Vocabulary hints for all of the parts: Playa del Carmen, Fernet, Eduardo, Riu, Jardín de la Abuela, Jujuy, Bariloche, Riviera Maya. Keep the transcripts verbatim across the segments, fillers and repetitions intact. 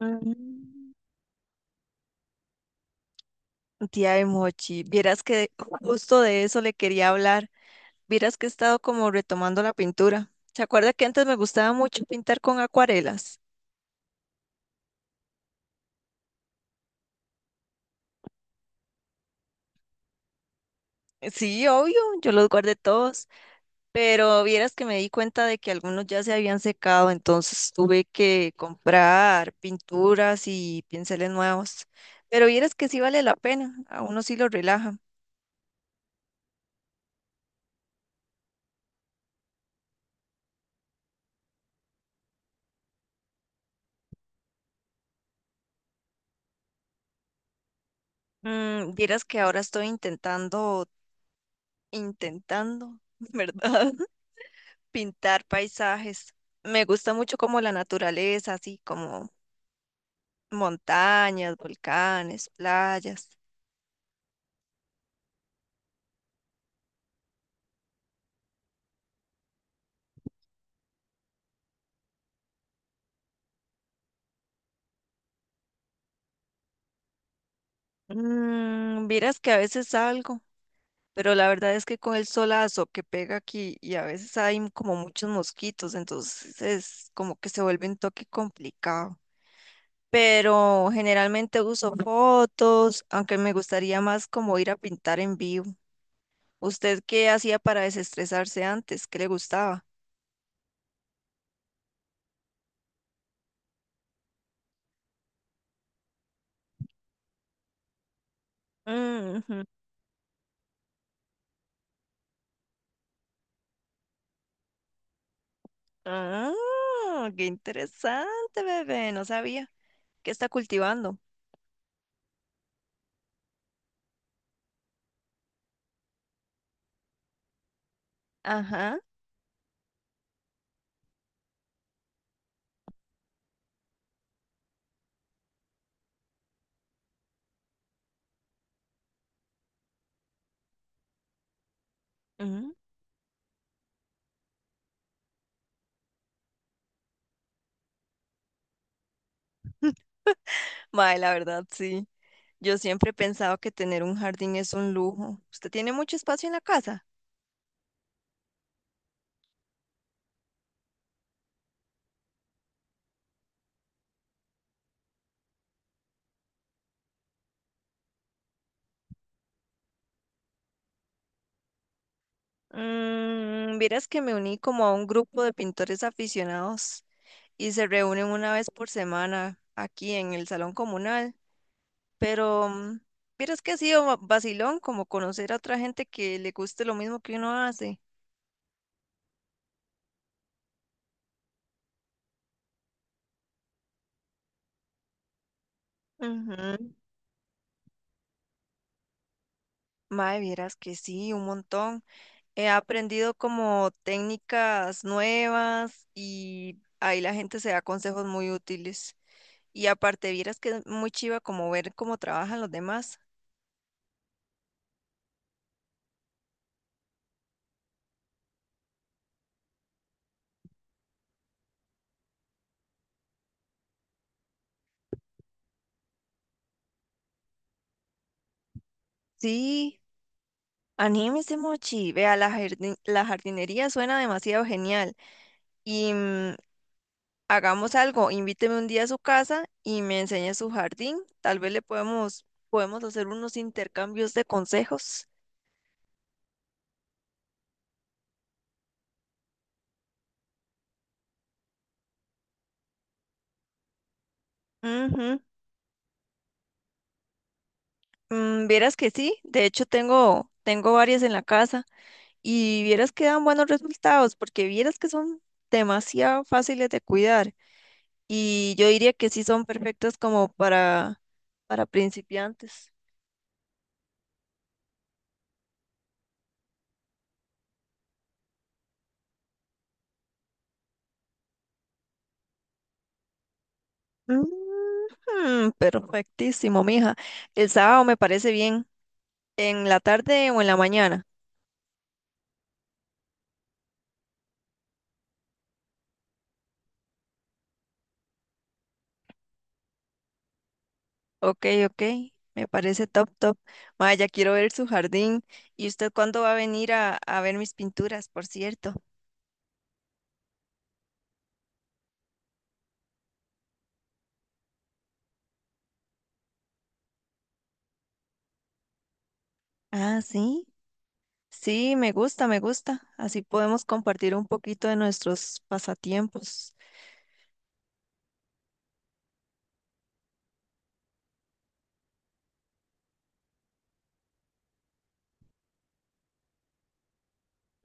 Mm, Tía de Mochi, vieras que justo de eso le quería hablar. Vieras que he estado como retomando la pintura. ¿Se acuerda que antes me gustaba mucho pintar con acuarelas? Sí, obvio, yo los guardé todos. Pero vieras que me di cuenta de que algunos ya se habían secado, entonces tuve que comprar pinturas y pinceles nuevos. Pero vieras que sí vale la pena, a uno sí lo relaja. Mm, vieras que ahora estoy intentando, intentando, ¿verdad? Pintar paisajes. Me gusta mucho como la naturaleza, así como montañas, volcanes, playas. Mm, vieras que a veces salgo. Pero la verdad es que con el solazo que pega aquí y a veces hay m- como muchos mosquitos, entonces es como que se vuelve un toque complicado. Pero generalmente uso fotos, aunque me gustaría más como ir a pintar en vivo. ¿Usted qué hacía para desestresarse antes? ¿Qué le gustaba? Ujú. Ah, qué interesante, bebé. No sabía. ¿Qué está cultivando? Ajá. Mae, la verdad, sí. Yo siempre he pensado que tener un jardín es un lujo. ¿Usted tiene mucho espacio en la casa? Mm, vieras que me uní como a un grupo de pintores aficionados y se reúnen una vez por semana aquí en el salón comunal. Pero mm, vieras que ha sido va- vacilón como conocer a otra gente que le guste lo mismo que uno hace. Ujú. Mae, vieras que sí, un montón. He aprendido como técnicas nuevas y ahí la gente se da consejos muy útiles. Y aparte, vieras que es muy chiva como ver cómo trabajan los demás. Sí, anímese, Mochi. Vea, la jardin- la jardinería suena demasiado genial. Y mm, hagamos algo, invíteme un día a su casa y me enseñe su jardín. Tal vez le podemos, podemos hacer unos intercambios de consejos. Ujú. Mm, vieras que sí, de hecho tengo, tengo varias en la casa. Y vieras que dan buenos resultados, porque vieras que son demasiado fáciles de cuidar. Y yo diría que sí son perfectas como para, para principiantes. Ujú, perfectísimo, mija. El sábado me parece bien. ¿En la tarde o en la mañana? Ok, ok. Me parece top, top. Mae, ya quiero ver su jardín. ¿Y usted cuándo va a venir a, a ver mis pinturas, por cierto? Ah, sí. Sí, me gusta, me gusta. Así podemos compartir un poquito de nuestros pasatiempos.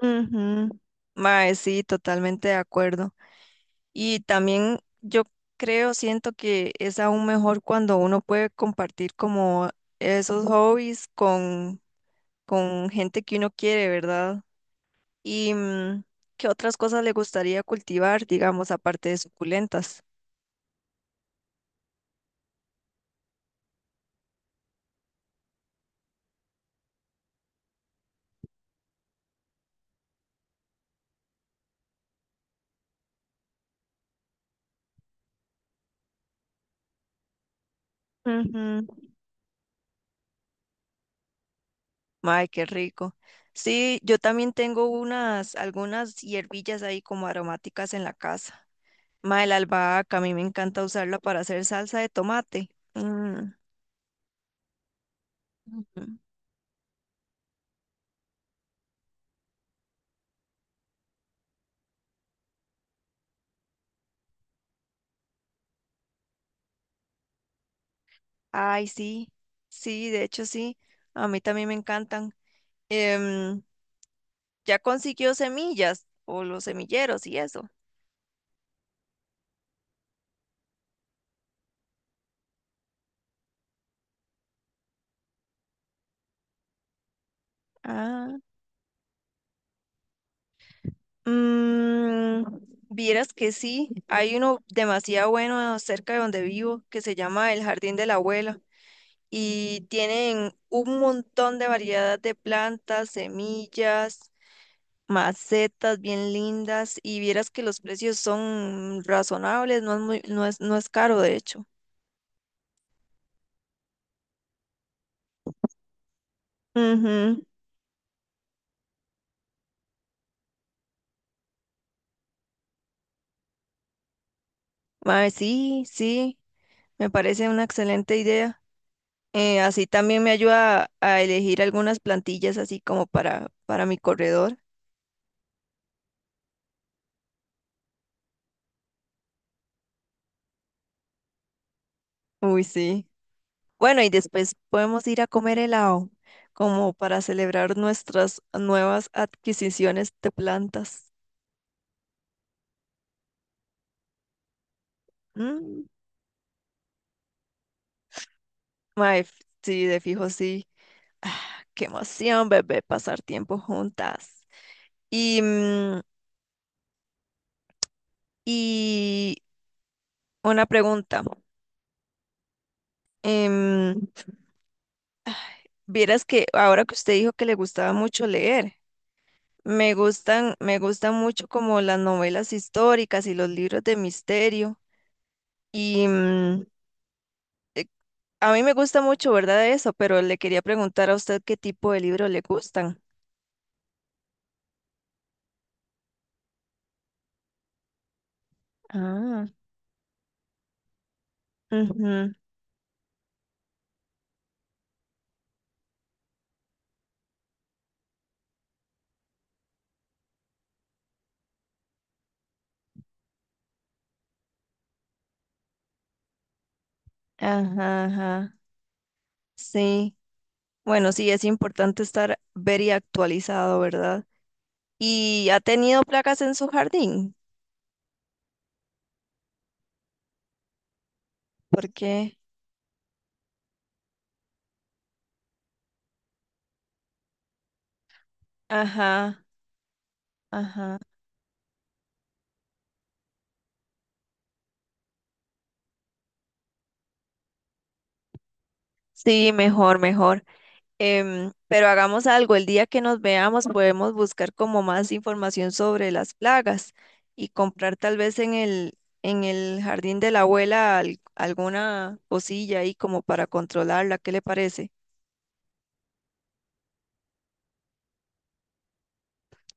Ujú. Mae, sí, totalmente de acuerdo. Y también yo creo, siento que es aún mejor cuando uno puede compartir como esos hobbies con, con gente que uno quiere, ¿verdad? Y mm, ¿qué otras cosas le gustaría cultivar, digamos, aparte de suculentas? Ay, qué rico. Sí, yo también tengo unas, algunas hierbillas ahí como aromáticas en la casa. Mae, la albahaca, a mí me encanta usarla para hacer salsa de tomate. Mm, ujú. Ay, sí, sí, de hecho sí, a mí también me encantan. Em, ¿ya consiguió semillas o los semilleros y eso? Ah, mm, vieras que sí, hay uno demasiado bueno cerca de donde vivo que se llama el Jardín de la Abuela. Y tienen un montón de variedad de plantas, semillas, macetas bien lindas y vieras que los precios son razonables, no es muy, no es, no es caro de hecho. Ujú. Mae, sí, sí, me parece una excelente idea. Eh, así también me ayuda a elegir algunas plantillas así como para, para mi corredor. Uy, sí. Bueno, y después podemos ir a comer helado, como para celebrar nuestras nuevas adquisiciones de plantas. Mm, mae, f- sí, de fijo, sí. Ah, qué emoción, bebé, pasar tiempo juntas. Y, mm, y una pregunta. em, vieras que ahora que usted dijo que le gustaba mucho leer, me gustan, me gustan mucho como las novelas históricas y los libros de misterio. Y, mm, a mí me gusta mucho, ¿verdad? Eso, pero le quería preguntar a usted qué tipo de libros le gustan. Ah. Ujú. Ajá, ajá. Sí. Bueno, sí, es importante estar very actualizado, ¿verdad? ¿Y ha tenido placas en su jardín? ¿Por qué? Ajá, ajá. Sí, mejor, mejor. Em, pero hagamos algo, el día que nos veamos podemos buscar como más información sobre las plagas y comprar tal vez en el, en el Jardín de la Abuela al- alguna cosilla ahí como para controlarla. ¿Qué le parece?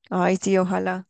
Ay, sí, ojalá.